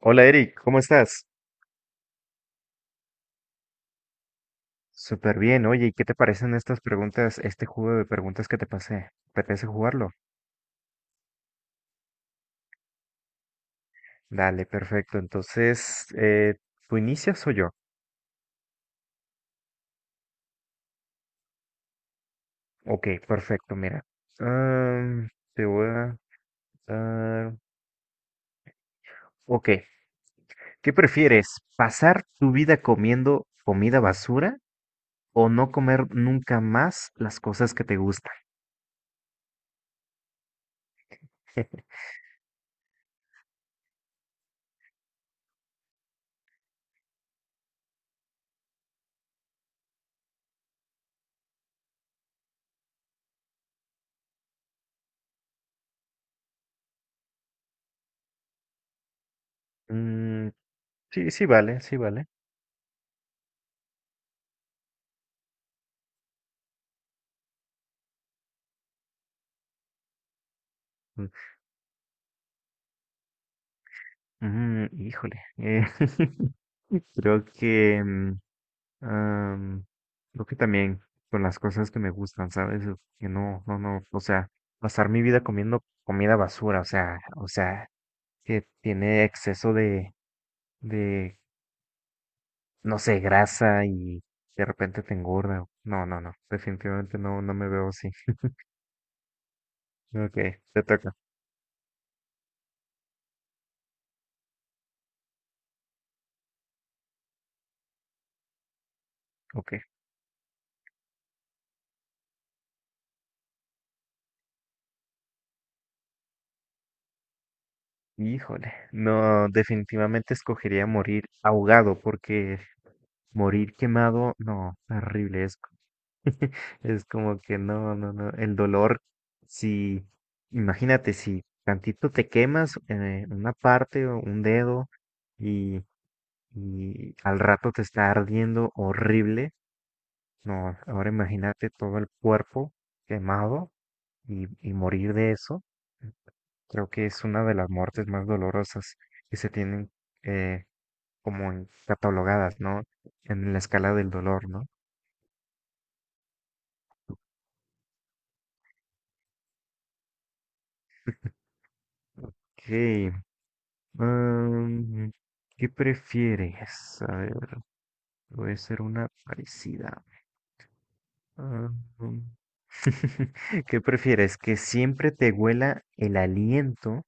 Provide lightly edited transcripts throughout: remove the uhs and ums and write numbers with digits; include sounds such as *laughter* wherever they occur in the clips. Hola Eric, ¿cómo estás? Súper bien, oye, ¿y qué te parecen estas preguntas, este juego de preguntas que te pasé? ¿Te apetece jugarlo? Dale, perfecto. Entonces, ¿tú inicias o yo? Ok, perfecto, mira. Am, te voy a dar. Ok, ¿qué prefieres? ¿Pasar tu vida comiendo comida basura o no comer nunca más las cosas que te gustan? *laughs* Mm, sí, sí, vale, sí, vale. Mm, mm, híjole. *laughs* Creo que mm, Am, creo que también con las cosas que me gustan, ¿sabes? O que no, no, no, o sea, pasar mi vida comiendo comida basura, o sea, que tiene exceso de, de, no sé, grasa y de repente te engorda. No, no, no, definitivamente no, no me veo así. Ok, te toca. Ok. Híjole, no, definitivamente escogería morir ahogado porque morir quemado, no, terrible. Es como que no, no, no. El dolor, si, imagínate, si tantito te quemas una parte o un dedo y, al rato te está ardiendo horrible. No, ahora imagínate todo el cuerpo quemado y, morir de eso. Creo que es una de las muertes más dolorosas que se tienen eh, como catalogadas, ¿no? En la escala del dolor, ¿no? Sí, Am, ¿qué prefieres? A ver, voy a hacer una parecida. Am, *laughs* ¿qué prefieres? ¿Que siempre te huela el aliento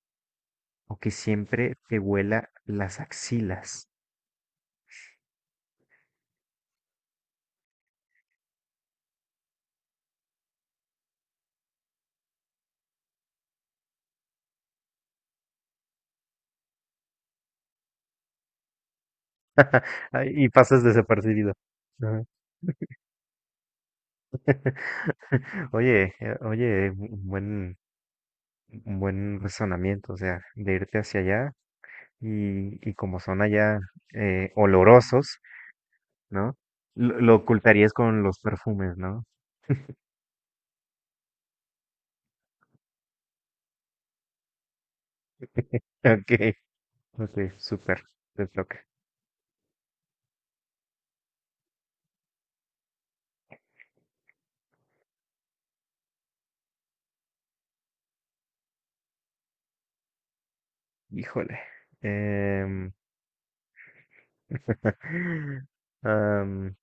o que siempre te huela las axilas? Ay, y pasas desapercibido. Ajá. *laughs* Oye, un buen, razonamiento, o sea, de irte hacia allá y, como son allá olorosos, ¿no? Lo ocultarías con los perfumes, ¿no? *laughs* Ok, ok, súper, te toca. Híjole. em, *laughs* am,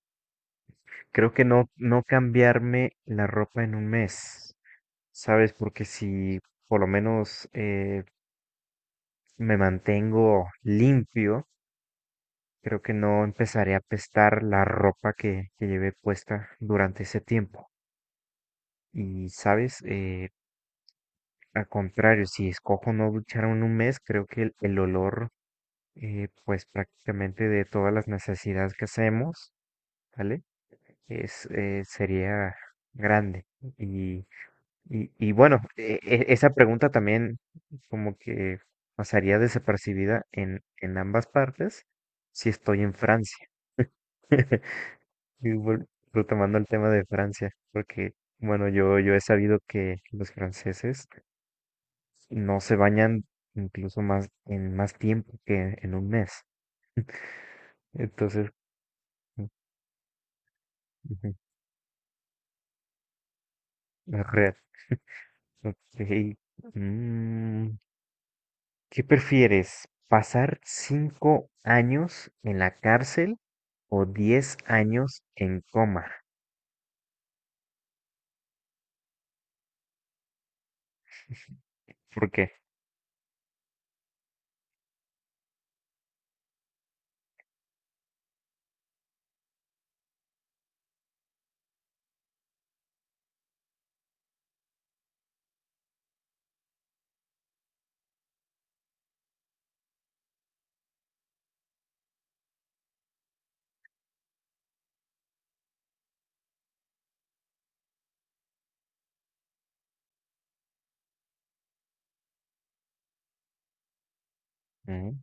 creo que no, no cambiarme la ropa en un mes, ¿sabes? Porque si por lo menos me mantengo limpio, creo que no empezaré a apestar la ropa que llevé puesta durante ese tiempo. Y, ¿sabes? Al contrario, si escojo no ducharme en un mes, creo que el olor, pues prácticamente de todas las necesidades que hacemos, ¿vale? Sería grande. Y, y bueno, esa pregunta también como que pasaría desapercibida en ambas partes si estoy en Francia. *laughs* Y retomando el tema de Francia, porque, bueno, yo he sabido que los franceses no se bañan incluso más en más tiempo que en un mes. Entonces, mm, ujú, es real. Ok. Mm, ¿qué prefieres? ¿Pasar 5 años en la cárcel o 10 años en coma? ¿Por qué? Mm,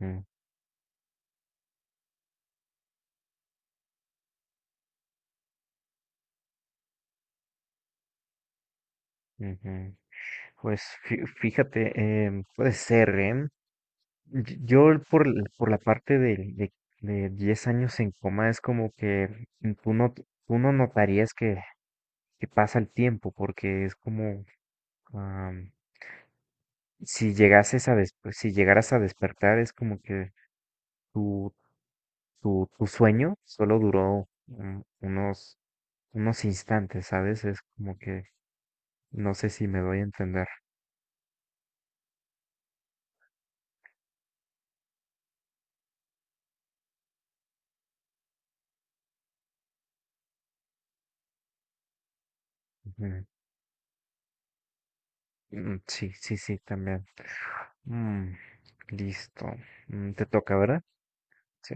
mm, ujú. Pues fíjate, puede ser, ¿eh? Yo por la parte de 10 años en coma es como que tú no notarías que pasa el tiempo porque es como am, si llegases a des- pues, si llegaras a despertar es como que tu, tu sueño solo duró unos instantes, ¿sabes? Es como que no sé si me doy a entender. Ujú. Mm, sí, sí, sí, también. Mm, listo. Mm, te toca, ¿verdad? Sí.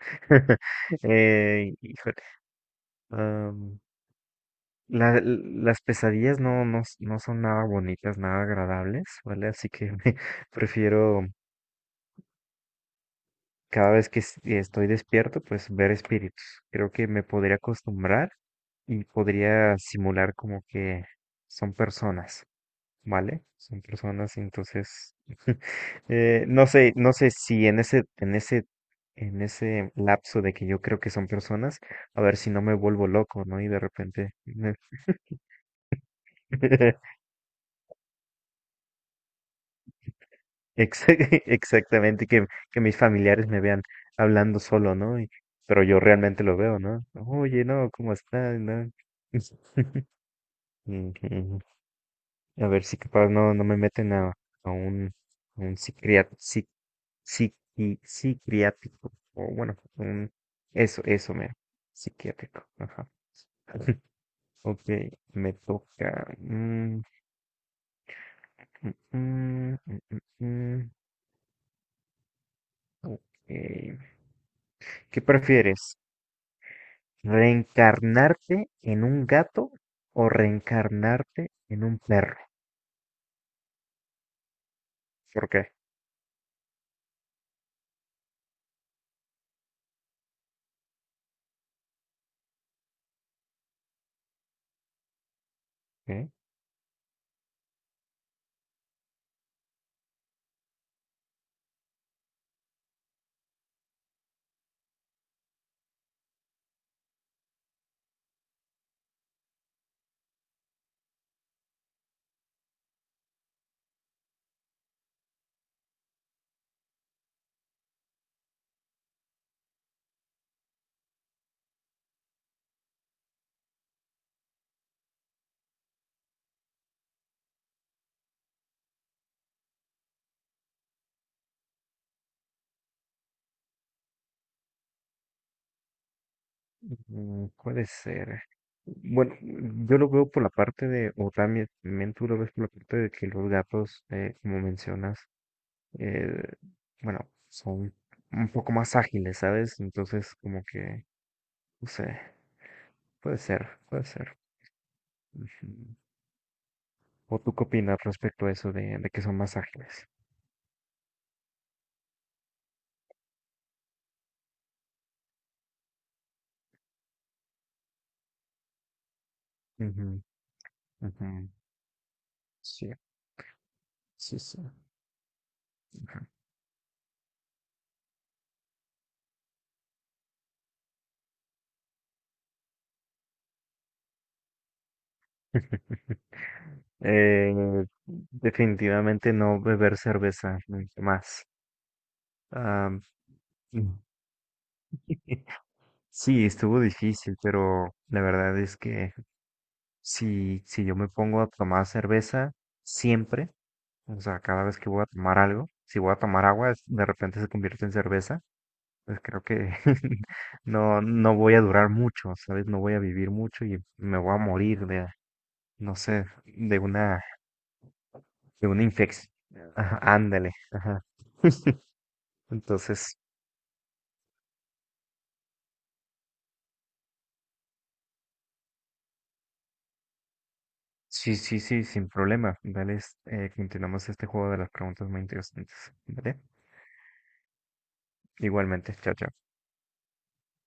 *laughs* Híjole, am, la- las pesadillas no son nada bonitas, nada agradables, ¿vale? Así que *laughs* prefiero cada vez que estoy despierto, pues ver espíritus. Creo que me podría acostumbrar y podría simular como que son personas. ¿Vale? Son personas, entonces, *laughs* no sé, no sé si en ese lapso de que yo creo que son personas, a ver si no me vuelvo loco, ¿no? Y de repente, *laughs* ex- *laughs* exactamente, que mis familiares me vean hablando solo, ¿no? Pero yo realmente lo veo, ¿no? Oye, no, ¿cómo estás? ¿No? *laughs* Ujú. A ver si capaz no me meten a un, a un psiquiatra, psiquiátrico, o bueno, eso, eso, mero, psiquiátrico, ajá. *laughs* Ok, me toca. Mm, mm, mm, mm, mm, mm, ok. ¿Qué prefieres? ¿Reencarnarte en un gato o reencarnarte en un perro? ¿Por qué? ¿Eh? Mm, puede ser. Bueno, yo lo veo por la parte de, o también tú lo ves por la parte de que los gatos, como mencionas, eh, bueno, son un poco más ágiles, ¿sabes? Entonces, como que, no sé, puede ser, puede ser. Ujú. ¿O tú qué opinas respecto a eso de, que son más ágiles? Ujú, ujú. Sí, sí, sí. Ujú. *laughs* Eh, definitivamente no beber cerveza nunca más. Ah, mm. *laughs* Sí, estuvo difícil, pero la verdad es que si yo me pongo a tomar cerveza siempre, o sea, cada vez que voy a tomar algo, si voy a tomar agua, de repente se convierte en cerveza, pues creo que *laughs* no voy a durar mucho, ¿sabes? No voy a vivir mucho y me voy a morir de, no sé, de una infección. Ajá, ándale, ajá. Entonces, sí, sí, sí, sin problema. Dale, continuamos este juego de las preguntas muy interesantes, ¿vale? Igualmente, chao, chao.